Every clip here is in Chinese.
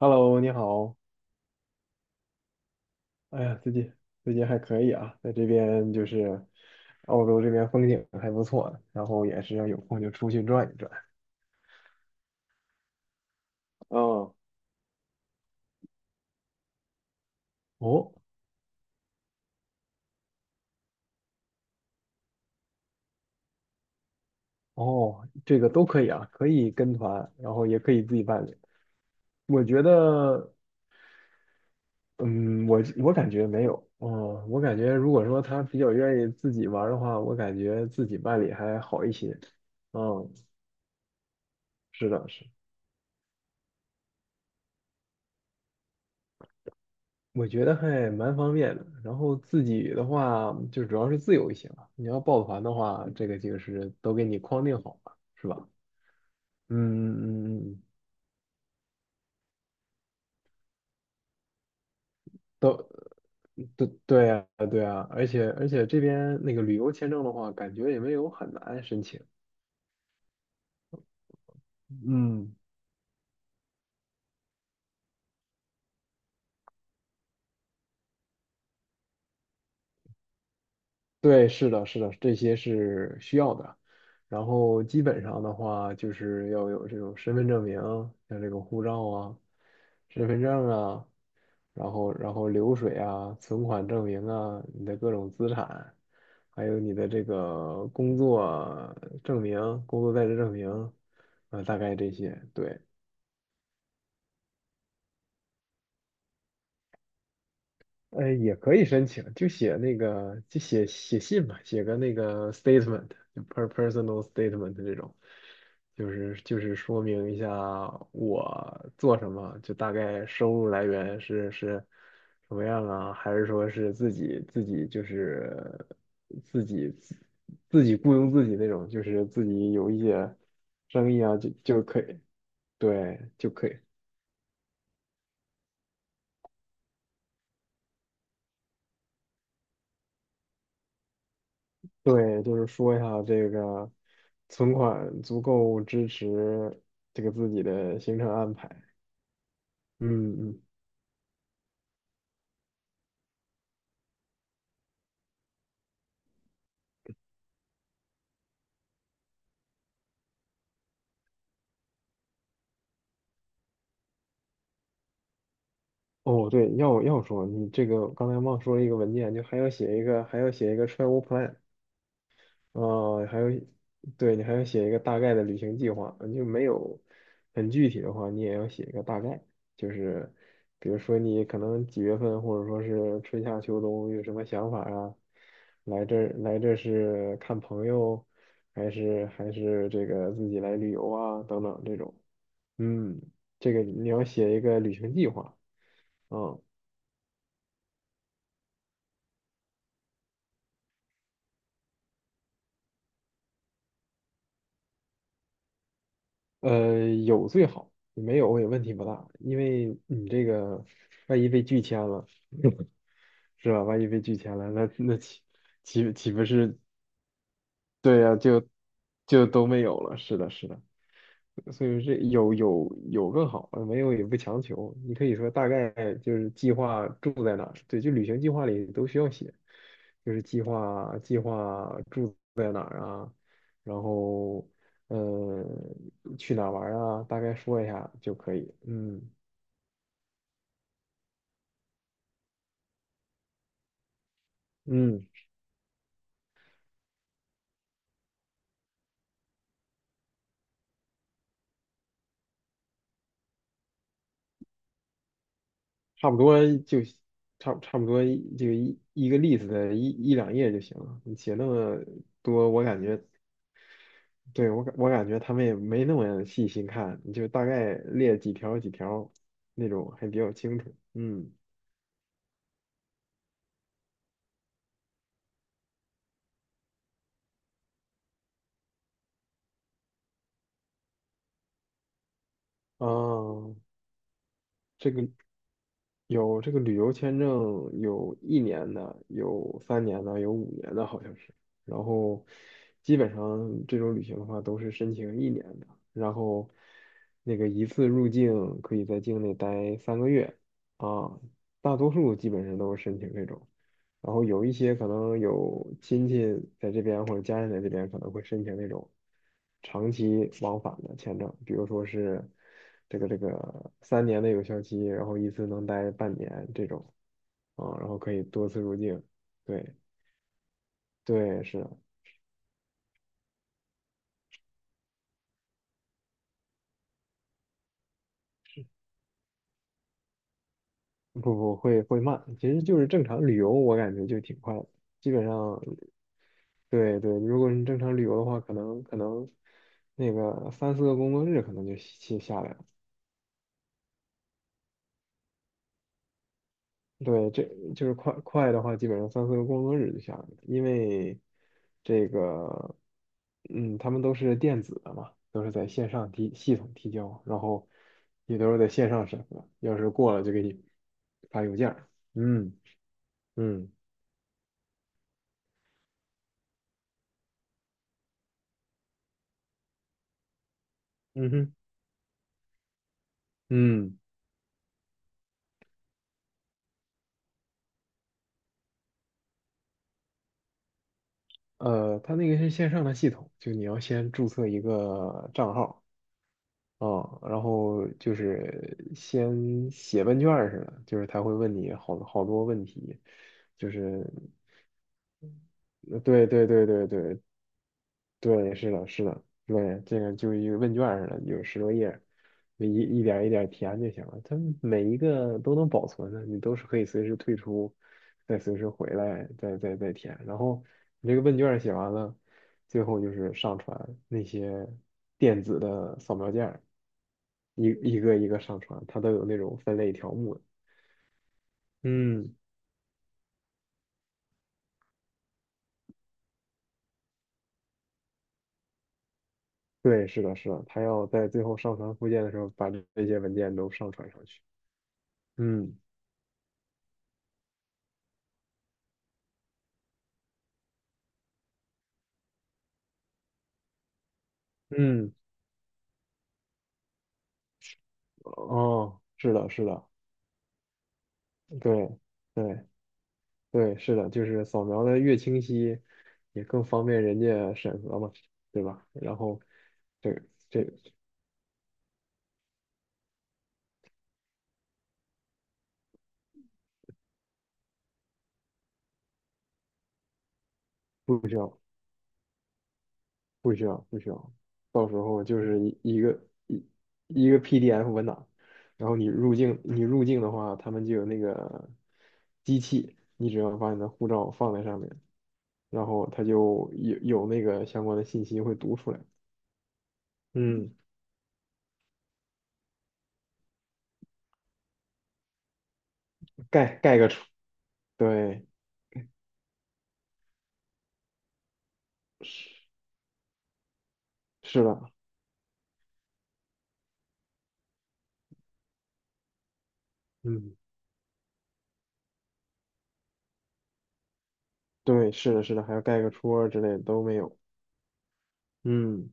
Hello，你好。哎呀，最近还可以啊，在这边就是澳洲这边风景还不错，然后也是要有空就出去转一转。嗯，哦哦，这个都可以啊，可以跟团，然后也可以自己办理。我觉得，嗯，我感觉没有，哦，我感觉如果说他比较愿意自己玩儿的话，我感觉自己办理还好一些。嗯，是的，是的。我觉得还蛮方便的。然后自己的话，就主要是自由行啊。你要报团的话，这个就是都给你框定好了，是吧？嗯嗯嗯，嗯都对对啊对啊，而且这边那个旅游签证的话，感觉也没有很难申请。嗯，对，是的，是的，这些是需要的。然后基本上的话，就是要有这种身份证明，像这个护照啊、身份证啊。然后流水啊、存款证明啊、你的各种资产，还有你的这个工作证明、工作在职证明，啊、大概这些，对。也可以申请，就写那个，就写信吧，写个那个 statement，就 personal statement 这种，就是说明一下我做什么，就大概收入来源是什么样啊，还是说是自己就是自己自自己雇佣自己那种，就是自己有一些生意啊，就可以，对，就可以。对，就是说一下这个存款足够支持这个自己的行程安排。嗯嗯，哦对，要说你这个刚才忘说了一个文件，就还要写一个 travel plan。哦，还有，对，你还要写一个大概的旅行计划，就没有很具体的话，你也要写一个大概，就是比如说你可能几月份，或者说是春夏秋冬有什么想法啊？来这是看朋友，还是这个自己来旅游啊？等等这种，嗯，这个你要写一个旅行计划，啊，有最好，没有也问题不大，因为你这个万一被拒签了。是吧？万一被拒签了，那岂不是？对呀、就都没有了。是的，是的，所以说这有更好，没有也不强求。你可以说大概就是计划住在哪儿，对，就旅行计划里都需要写，就是计划住在哪儿啊，然后呃去哪儿玩儿啊，大概说一下就可以。嗯嗯。差不多就差不多就一个例子的一两页就行了。你写那么多，我感觉，对，我感觉他们也没那么细心看，你就大概列几条那种，还比较清楚。嗯，哦，这个。有这个旅游签证，有一年的，有三年的，有五年的，好像是。然后基本上这种旅行的话，都是申请一年的。然后那个一次入境可以在境内待三个月啊，大多数基本上都是申请这种。然后有一些可能有亲戚在这边或者家人在这边，可能会申请那种长期往返的签证，比如说是这个三年的有效期，然后一次能待半年这种啊，然后可以多次入境。对对，是的，不会慢，其实就是正常旅游，我感觉就挺快的，基本上对对，如果你正常旅游的话，可能那个三四个工作日可能就下来了。对，这就是快的话，基本上三四个工作日就下来了，因为这个，嗯，他们都是电子的嘛，都是在线上提系统提交，然后也都是在线上审核，要是过了就给你发邮件儿嗯嗯嗯哼嗯，他那个是线上的系统，就你要先注册一个账号。啊，然后就是先写问卷儿似的，就是他会问你好多问题，就是对对，是的，是的，对，这个就一个问卷儿似的，有十多页儿，一点儿一点儿填就行了。它每一个都能保存的，你都是可以随时退出，再随时回来，再填。然后你这个问卷儿写完了，最后就是上传那些电子的扫描件儿，一一个一个上传，它都有那种分类条目的嗯，对，是的，是的，它要在最后上传附件的时候把这些文件都上传上去。嗯。嗯，哦，是的，是的，对，对，对，是的，就是扫描的越清晰，也更方便人家审核嘛，对吧？然后，这个这个不需要，不需要，不需要，到时候就是一一个 PDF 文档，然后你入境，入境的话，他们就有那个机器，你只要把你的护照放在上面，然后它就有那个相关的信息会读出来，嗯，盖个戳，对。是是的，嗯对，是的，是的，还要盖个戳儿之类的都没有，嗯，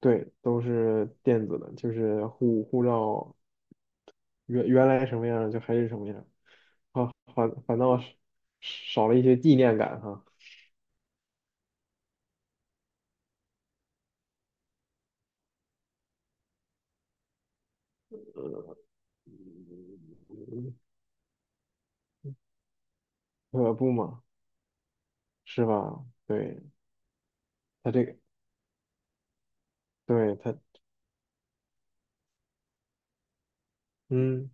对，都是电子的，就是护照原来什么样就还是什么样，啊，反倒是少了一些纪念感哈，可不嘛，是吧？对，他这个，对他，嗯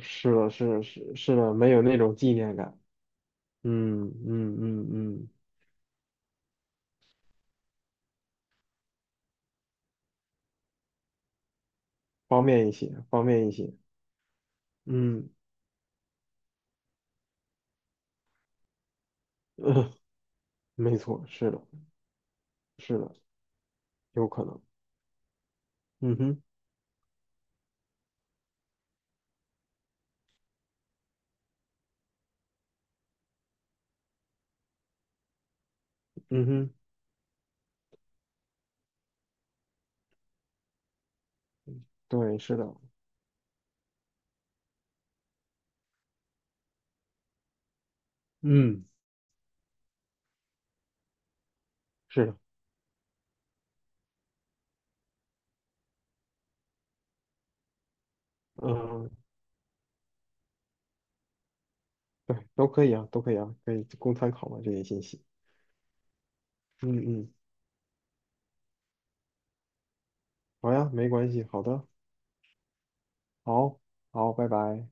是的，是的，没有那种纪念感，嗯方便一些，方便一些，嗯，没错，是的，是的，有可能，嗯哼，嗯哼，对，是的，嗯，是的，嗯，对，都可以啊，都可以啊，可以供参考嘛，这些信息，嗯嗯，好呀，没关系，好的，好，好，拜拜。